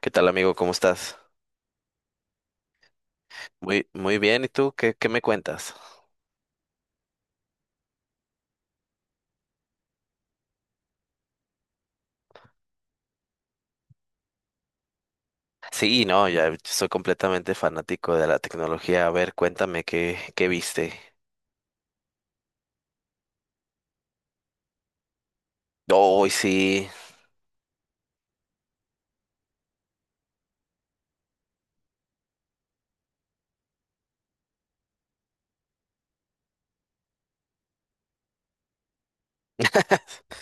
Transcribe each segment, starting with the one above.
¿Qué tal, amigo? ¿Cómo estás? Muy bien. ¿Y tú qué me cuentas? Sí, no, ya soy completamente fanático de la tecnología. A ver, cuéntame qué viste. ¡Oh, sí!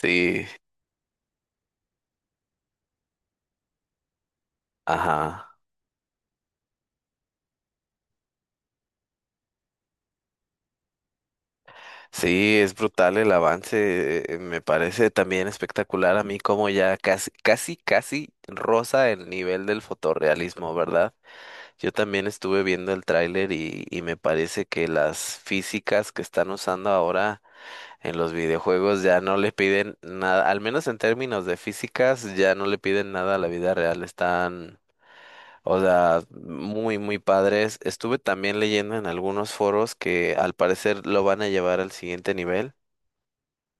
Sí, ajá. Sí, es brutal el avance. Me parece también espectacular a mí como ya casi roza el nivel del fotorrealismo, ¿verdad? Yo también estuve viendo el tráiler y me parece que las físicas que están usando ahora en los videojuegos ya no le piden nada, al menos en términos de físicas, ya no le piden nada a la vida real. Están, o sea, muy padres. Estuve también leyendo en algunos foros que al parecer lo van a llevar al siguiente nivel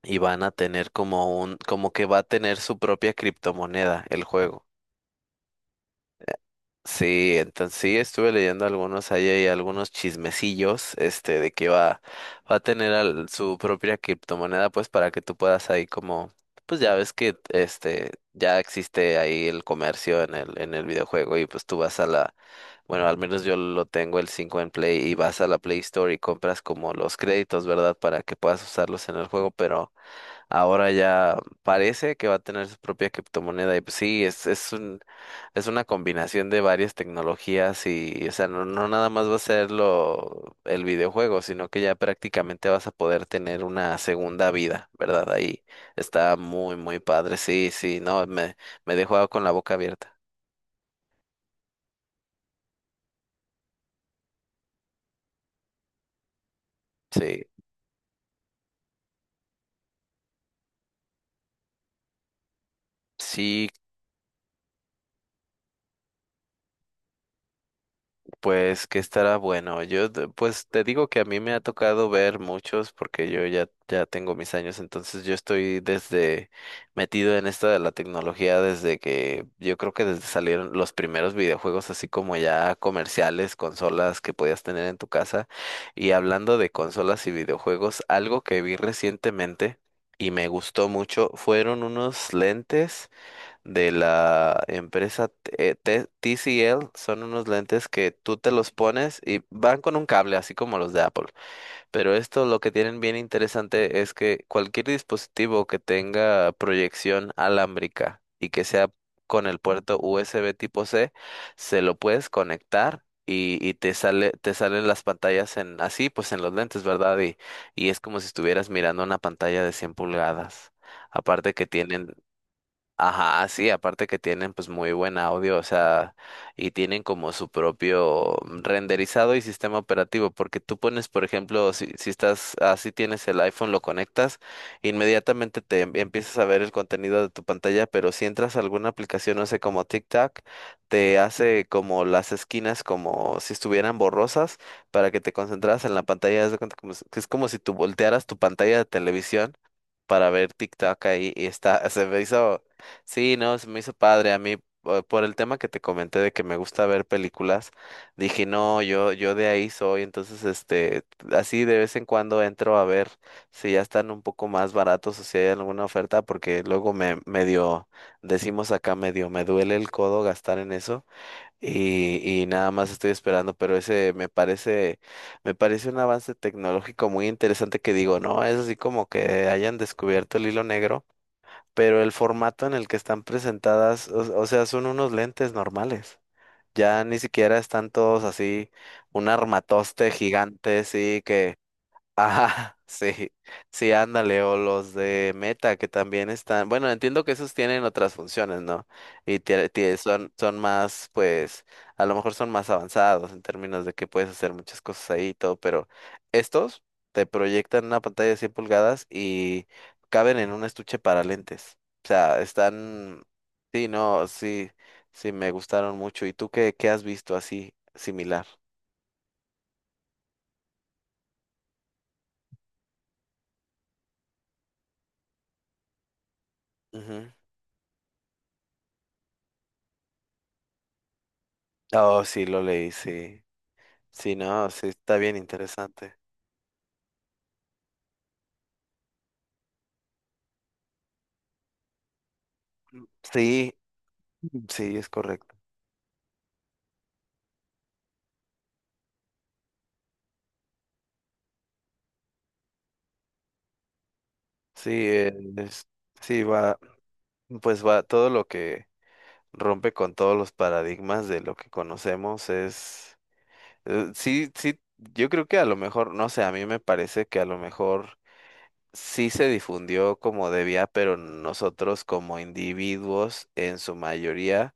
y van a tener como un, como que va a tener su propia criptomoneda el juego. Sí, entonces sí estuve leyendo algunos, ahí hay algunos chismecillos, este, de que va a tener su propia criptomoneda, pues, para que tú puedas ahí como, pues ya ves que este ya existe ahí el comercio en el videojuego, y pues tú vas a la, bueno, al menos yo lo tengo el 5 en Play, y vas a la Play Store y compras como los créditos, ¿verdad? Para que puedas usarlos en el juego. Pero ahora ya parece que va a tener su propia criptomoneda y pues sí, es un, es una combinación de varias tecnologías y, o sea, no, no nada más va a ser lo, el videojuego, sino que ya prácticamente vas a poder tener una segunda vida, ¿verdad? Ahí está muy padre, sí, sí, no, me dejó con la boca abierta, sí. Sí, pues que estará bueno. Pues te digo que a mí me ha tocado ver muchos porque yo ya tengo mis años, entonces yo estoy desde, metido en esto de la tecnología desde que yo creo que desde salieron los primeros videojuegos así como ya comerciales, consolas que podías tener en tu casa. Y hablando de consolas y videojuegos, algo que vi recientemente y me gustó mucho fueron unos lentes de la empresa TCL. Son unos lentes que tú te los pones y van con un cable, así como los de Apple. Pero esto lo que tienen bien interesante es que cualquier dispositivo que tenga proyección alámbrica y que sea con el puerto USB tipo C, se lo puedes conectar. Y te sale, te salen las pantallas en así, pues en los lentes, ¿verdad? Y es como si estuvieras mirando una pantalla de 100 pulgadas. Aparte que tienen, ajá, sí, aparte que tienen pues muy buen audio, o sea, y tienen como su propio renderizado y sistema operativo, porque tú pones, por ejemplo, si estás, así tienes el iPhone, lo conectas, inmediatamente te empiezas a ver el contenido de tu pantalla, pero si entras a alguna aplicación, no sé, como TikTok, te hace como las esquinas como si estuvieran borrosas para que te concentras en la pantalla, haz de cuenta como si- que es como si tú voltearas tu pantalla de televisión para ver TikTok ahí. Y está, se me hizo, sí, no, se me hizo padre a mí por el tema que te comenté de que me gusta ver películas, dije, no, yo de ahí soy. Entonces, este, así de vez en cuando entro a ver si ya están un poco más baratos o si hay alguna oferta, porque luego me medio, decimos acá, medio me duele el codo gastar en eso. Y nada más estoy esperando, pero ese me parece un avance tecnológico muy interesante, que digo, no, es así como que hayan descubierto el hilo negro, pero el formato en el que están presentadas, o sea, son unos lentes normales. Ya ni siquiera están todos así, un armatoste gigante, sí, que ajá. Sí, sí, ándale, o los de Meta que también están, bueno, entiendo que esos tienen otras funciones, ¿no? Y son más, pues, a lo mejor son más avanzados en términos de que puedes hacer muchas cosas ahí y todo, pero estos te proyectan una pantalla de 100 pulgadas y caben en un estuche para lentes. O sea, están, sí, no, sí, sí, me gustaron mucho. ¿Y tú qué has visto así, similar? Ujú. Oh, sí, lo leí, sí. Sí, no, sí, está bien interesante. Sí, sí, es correcto. Sí, es- sí, va, pues va, todo lo que rompe con todos los paradigmas de lo que conocemos es, sí, sí, yo creo que a lo mejor, no sé, a mí me parece que a lo mejor sí se difundió como debía, pero nosotros como individuos en su mayoría,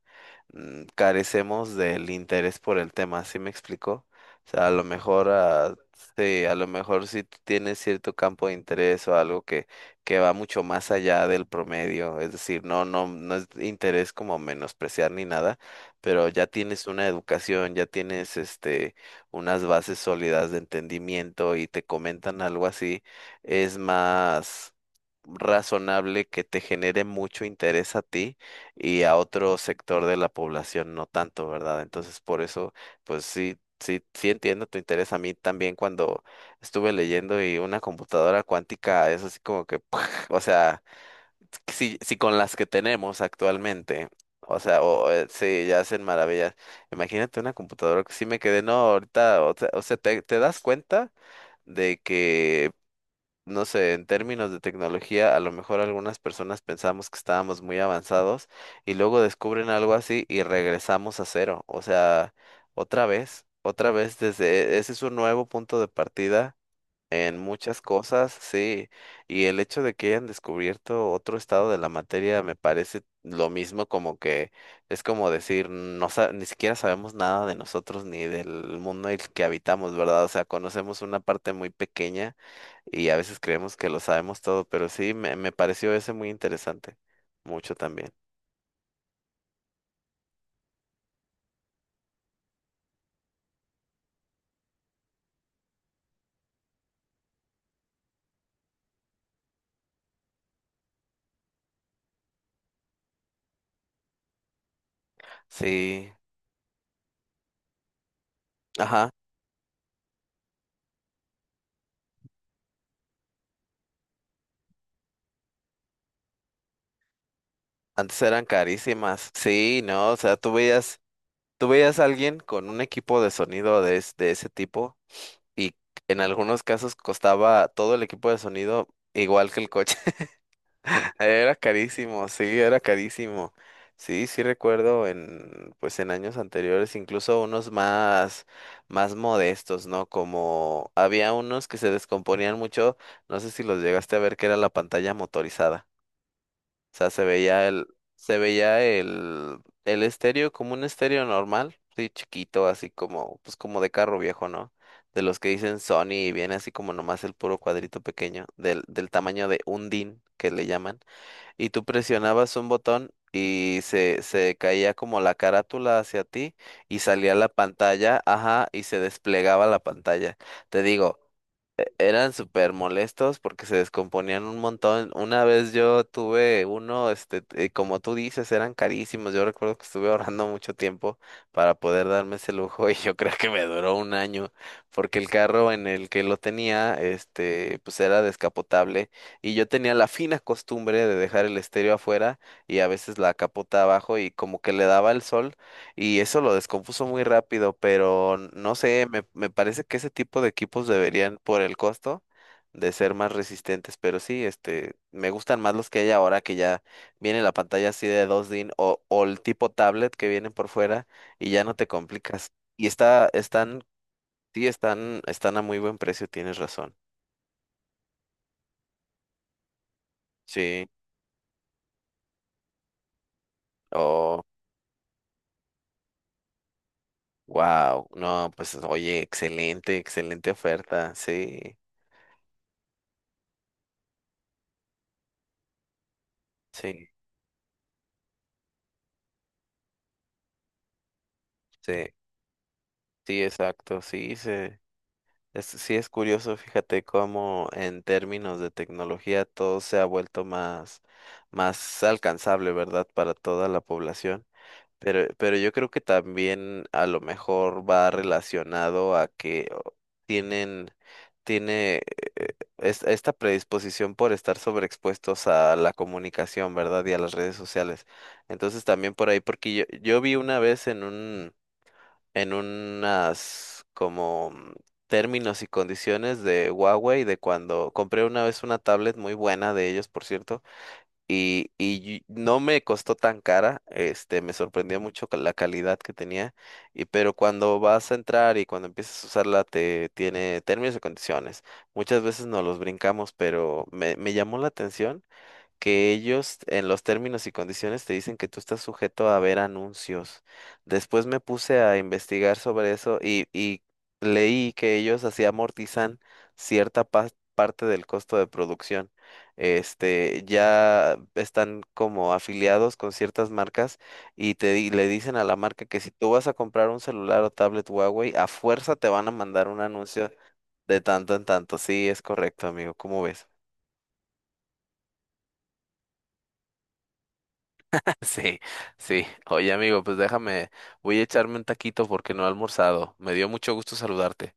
carecemos del interés por el tema, ¿sí me explico? O sea, a lo mejor, ah, sí, a lo mejor si tú tienes cierto campo de interés o algo que va mucho más allá del promedio, es decir, no, no, no es interés como menospreciar ni nada, pero ya tienes una educación, ya tienes este, unas bases sólidas de entendimiento, y te comentan algo así, es más razonable que te genere mucho interés a ti y a otro sector de la población no tanto, ¿verdad? Entonces, por eso, pues sí, sí, sí entiendo tu interés. A mí también cuando estuve leyendo, y una computadora cuántica es así como que, o sea, si con las que tenemos actualmente, o sea, sí, ya hacen maravillas. Imagínate una computadora, que sí me quedé, no, ahorita, o sea, te das cuenta de que, no sé, en términos de tecnología, a lo mejor algunas personas pensamos que estábamos muy avanzados y luego descubren algo así y regresamos a cero. O sea, otra vez desde, ese es un nuevo punto de partida en muchas cosas, sí. Y el hecho de que hayan descubierto otro estado de la materia me parece lo mismo, como que es como decir, ni siquiera sabemos nada de nosotros ni del mundo en el que habitamos, ¿verdad? O sea, conocemos una parte muy pequeña y a veces creemos que lo sabemos todo, pero sí, me pareció ese muy interesante, mucho también. Sí, ajá, antes eran carísimas, sí, no, o sea, tú veías a alguien con un equipo de sonido de, de ese tipo y en algunos casos costaba todo el equipo de sonido igual que el coche. Era carísimo. Sí, sí recuerdo en, pues en años anteriores, incluso unos más, más modestos, ¿no? Como había unos que se descomponían mucho, no sé si los llegaste a ver, que era la pantalla motorizada. O sea, se veía el estéreo como un estéreo normal, sí, chiquito, así como, pues como de carro viejo, ¿no? De los que dicen Sony y viene así como nomás el puro cuadrito pequeño, del tamaño de un DIN que le llaman, y tú presionabas un botón y se caía como la carátula hacia ti y salía la pantalla, ajá, y se desplegaba la pantalla. Te digo, eran súper molestos porque se descomponían un montón. Una vez yo tuve uno, este, como tú dices, eran carísimos. Yo recuerdo que estuve ahorrando mucho tiempo para poder darme ese lujo, y yo creo que me duró 1 año porque el carro en el que lo tenía, este, pues era descapotable y yo tenía la fina costumbre de dejar el estéreo afuera, y a veces la capota abajo, y como que le daba el sol. Y eso lo descompuso muy rápido, pero no sé, me parece que ese tipo de equipos deberían, por el costo, de ser más resistentes. Pero sí, este, me gustan más los que hay ahora, que ya viene la pantalla así de 2 DIN o el tipo tablet que vienen por fuera y ya no te complicas. Y está, están, sí, están, están a muy buen precio, tienes razón. Sí. Oh, wow. No, pues oye, excelente, excelente oferta. Sí, sí, sí. Sí, exacto, sí, sí. Es, sí es curioso, fíjate cómo en términos de tecnología todo se ha vuelto más, más alcanzable, ¿verdad? Para toda la población. Pero yo creo que también a lo mejor va relacionado a que o, tienen, tiene esta predisposición por estar sobreexpuestos a la comunicación, ¿verdad? Y a las redes sociales. Entonces también por ahí, porque yo vi una vez en un, en unas como, términos y condiciones de Huawei de cuando compré una vez una tablet muy buena de ellos, por cierto, y no me costó tan cara, este, me sorprendió mucho con la calidad que tenía, y pero cuando vas a entrar y cuando empiezas a usarla te tiene términos y condiciones. Muchas veces nos los brincamos, pero me llamó la atención que ellos en los términos y condiciones te dicen que tú estás sujeto a ver anuncios. Después me puse a investigar sobre eso y leí que ellos así amortizan cierta parte del costo de producción. Este, ya están como afiliados con ciertas marcas y le dicen a la marca que si tú vas a comprar un celular o tablet Huawei, a fuerza te van a mandar un anuncio de tanto en tanto. Sí, es correcto, amigo. ¿Cómo ves? Sí, sí. Oye, amigo, pues déjame, voy a echarme un taquito porque no he almorzado. Me dio mucho gusto saludarte.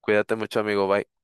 Cuídate mucho, amigo. Bye.